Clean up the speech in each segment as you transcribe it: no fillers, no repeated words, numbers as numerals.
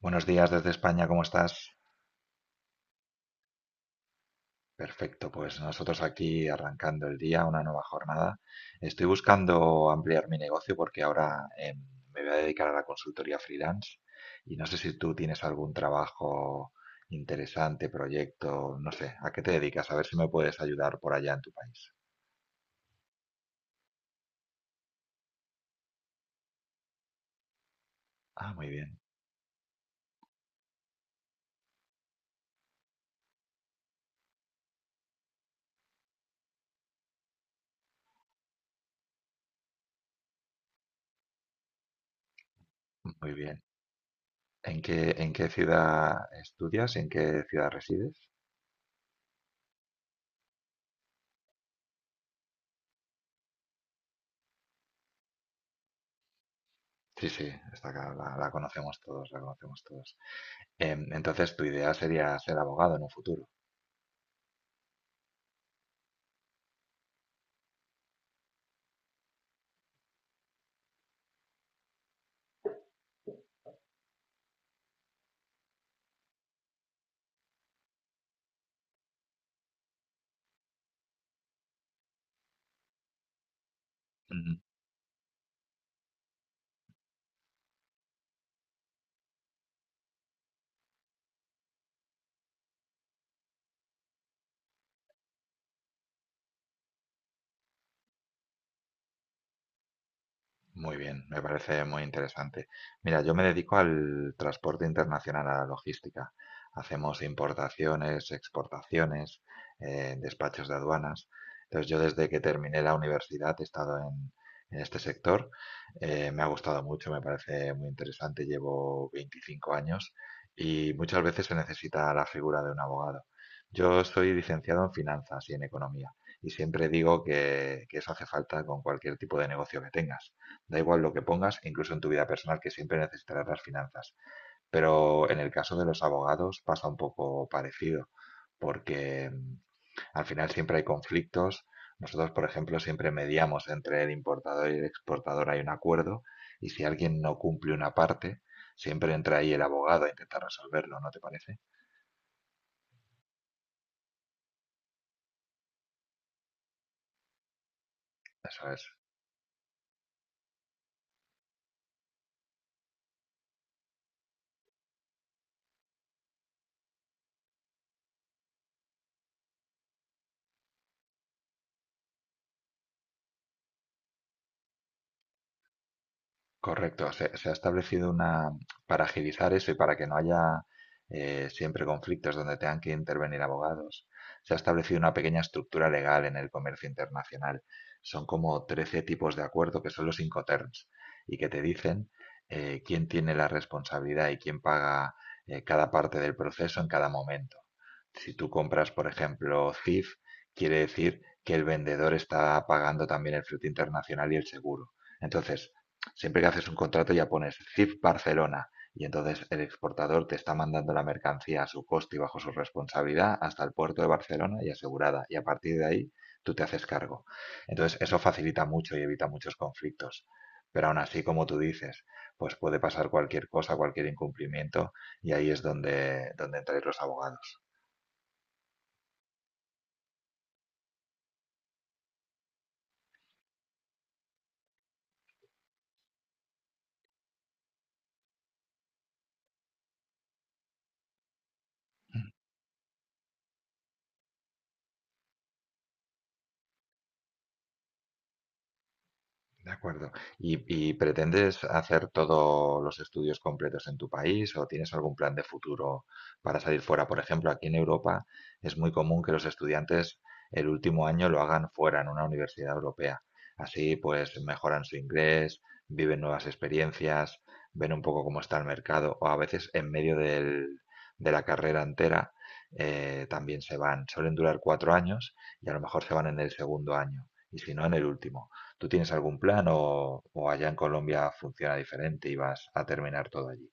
Buenos días desde España, ¿cómo estás? Perfecto, pues nosotros aquí arrancando el día, una nueva jornada. Estoy buscando ampliar mi negocio porque ahora me voy a dedicar a la consultoría freelance y no sé si tú tienes algún trabajo interesante, proyecto, no sé, ¿a qué te dedicas? A ver si me puedes ayudar por allá en tu país. Ah, muy bien, muy bien. En qué ciudad estudias? ¿En qué ciudad resides? Sí, sí, esta acá la conocemos todos, la conocemos todos. Entonces tu idea sería ser abogado en un futuro. Muy bien, me parece muy interesante. Mira, yo me dedico al transporte internacional, a la logística. Hacemos importaciones, exportaciones, despachos de aduanas. Entonces, yo desde que terminé la universidad he estado en este sector. Me ha gustado mucho, me parece muy interesante. Llevo 25 años y muchas veces se necesita la figura de un abogado. Yo soy licenciado en finanzas y en economía y siempre digo que eso hace falta con cualquier tipo de negocio que tengas. Da igual lo que pongas, incluso en tu vida personal, que siempre necesitarás las finanzas. Pero en el caso de los abogados pasa un poco parecido, porque al final siempre hay conflictos. Nosotros, por ejemplo, siempre mediamos entre el importador y el exportador, hay un acuerdo, y si alguien no cumple una parte, siempre entra ahí el abogado a intentar resolverlo, ¿no te parece? Eso es correcto. Se ha establecido una para agilizar eso y para que no haya, siempre, conflictos donde tengan que intervenir abogados. Se ha establecido una pequeña estructura legal en el comercio internacional. Son como 13 tipos de acuerdo que son los Incoterms y que te dicen quién tiene la responsabilidad y quién paga, cada parte del proceso en cada momento. Si tú compras, por ejemplo, CIF, quiere decir que el vendedor está pagando también el fruto internacional y el seguro. Entonces, siempre que haces un contrato ya pones CIF Barcelona y entonces el exportador te está mandando la mercancía a su coste y bajo su responsabilidad hasta el puerto de Barcelona y asegurada. Y a partir de ahí tú te haces cargo. Entonces eso facilita mucho y evita muchos conflictos. Pero aún así, como tú dices, pues puede pasar cualquier cosa, cualquier incumplimiento y ahí es donde entran los abogados. De acuerdo. ¿Y, y pretendes hacer todos los estudios completos en tu país o tienes algún plan de futuro para salir fuera? Por ejemplo, aquí en Europa es muy común que los estudiantes el último año lo hagan fuera, en una universidad europea. Así pues mejoran su inglés, viven nuevas experiencias, ven un poco cómo está el mercado o a veces en medio de la carrera entera, también se van. Suelen durar 4 años y a lo mejor se van en el segundo año y si no en el último. ¿Tú tienes algún plan o allá en Colombia funciona diferente y vas a terminar todo allí?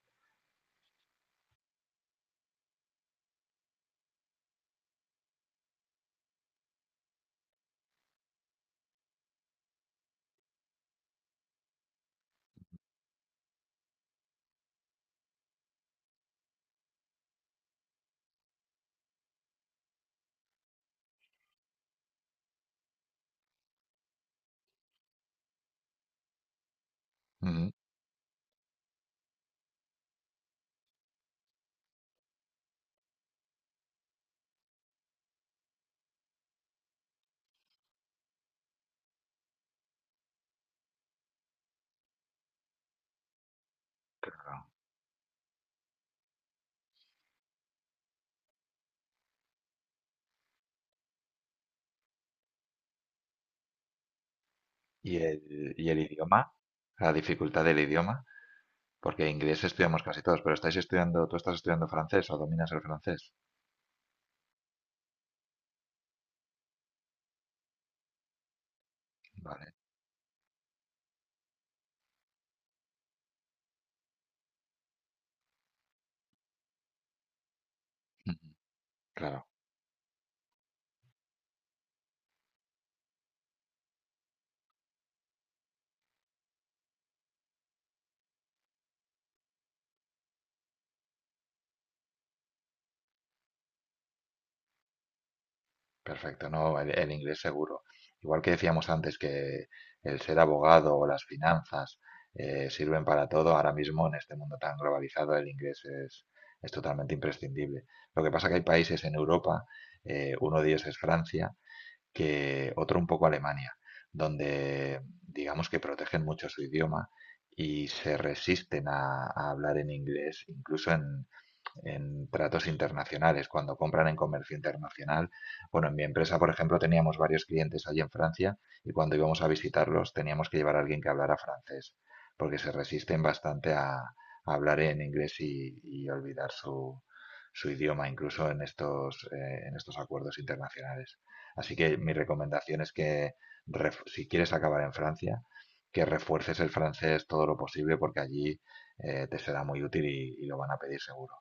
Ujú, claro. Y el idioma? ¿La dificultad del idioma? Porque inglés estudiamos casi todos, pero estáis estudiando, ¿tú estás estudiando francés o dominas el francés? Vale, ujú, claro. Perfecto, no, el inglés seguro. Igual que decíamos antes que el ser abogado o las finanzas, sirven para todo, ahora mismo en este mundo tan globalizado el inglés es totalmente imprescindible. Lo que pasa que hay países en Europa, uno de ellos es Francia, que otro un poco Alemania, donde digamos que protegen mucho su idioma y se resisten a hablar en inglés, incluso en tratos internacionales, cuando compran en comercio internacional. Bueno, en mi empresa, por ejemplo, teníamos varios clientes allí en Francia y cuando íbamos a visitarlos teníamos que llevar a alguien que hablara francés, porque se resisten bastante a hablar en inglés y olvidar su, su idioma, incluso en estos acuerdos internacionales. Así que mi recomendación es que, si quieres acabar en Francia, que refuerces el francés todo lo posible porque allí, te será muy útil y lo van a pedir seguro.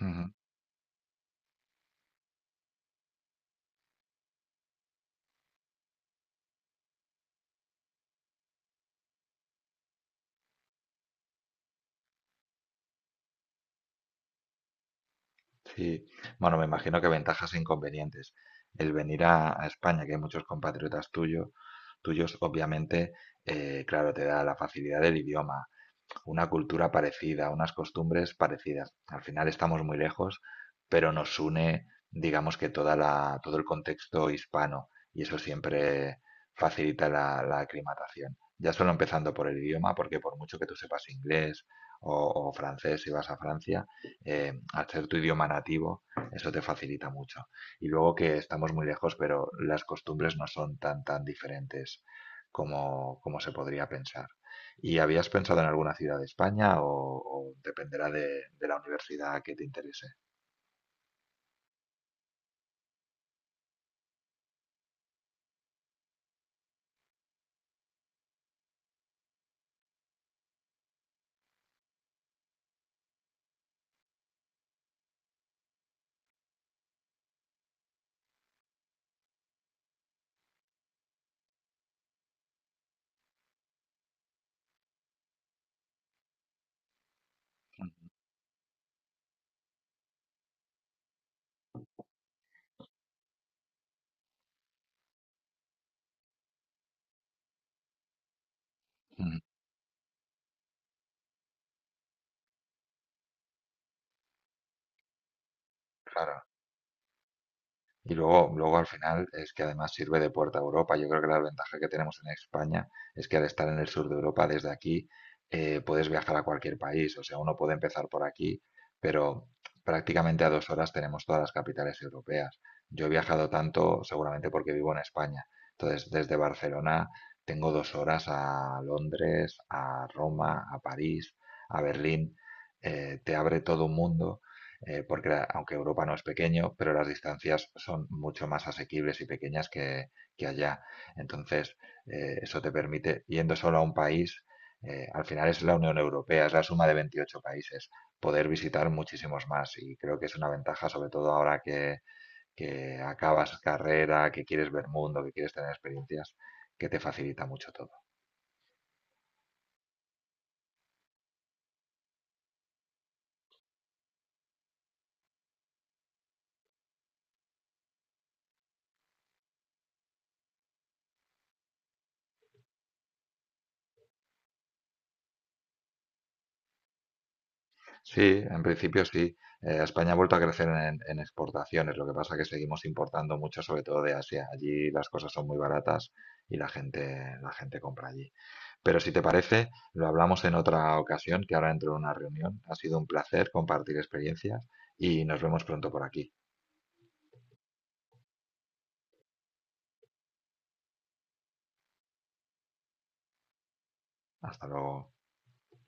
Ujú, sí, bueno, me imagino que ventajas e inconvenientes. El venir a España, que hay muchos compatriotas tuyos, tuyos, obviamente, claro, te da la facilidad del idioma, una cultura parecida, unas costumbres parecidas. Al final estamos muy lejos, pero nos une, digamos que toda la, todo el contexto hispano y eso siempre facilita la, la aclimatación. Ya solo empezando por el idioma, porque por mucho que tú sepas inglés o francés si vas a Francia, al ser tu idioma nativo, eso te facilita mucho. Y luego que estamos muy lejos, pero las costumbres no son tan, tan diferentes como, como se podría pensar. ¿Y habías pensado en alguna ciudad de España o dependerá de la universidad que te interese? Mm. Claro. Y luego, luego al final es que además sirve de puerta a Europa. Yo creo que la ventaja que tenemos en España es que al estar en el sur de Europa, desde aquí, puedes viajar a cualquier país. O sea, uno puede empezar por aquí, pero prácticamente a dos horas tenemos todas las capitales europeas. Yo he viajado tanto seguramente porque vivo en España. Entonces, desde Barcelona tengo dos horas a Londres, a Roma, a París, a Berlín. Te abre todo un mundo, porque aunque Europa no es pequeño, pero las distancias son mucho más asequibles y pequeñas que allá. Entonces, eso te permite, yendo solo a un país, al final es la Unión Europea, es la suma de 28 países, poder visitar muchísimos más. Y creo que es una ventaja, sobre todo ahora que acabas carrera, que quieres ver mundo, que quieres tener experiencias, que te facilita mucho todo. Sí, en principio sí. España ha vuelto a crecer en exportaciones, lo que pasa que seguimos importando mucho, sobre todo de Asia. Allí las cosas son muy baratas y la gente compra allí. Pero si te parece, lo hablamos en otra ocasión, que ahora entro en una reunión. Ha sido un placer compartir experiencias y nos vemos pronto por aquí. Hasta luego.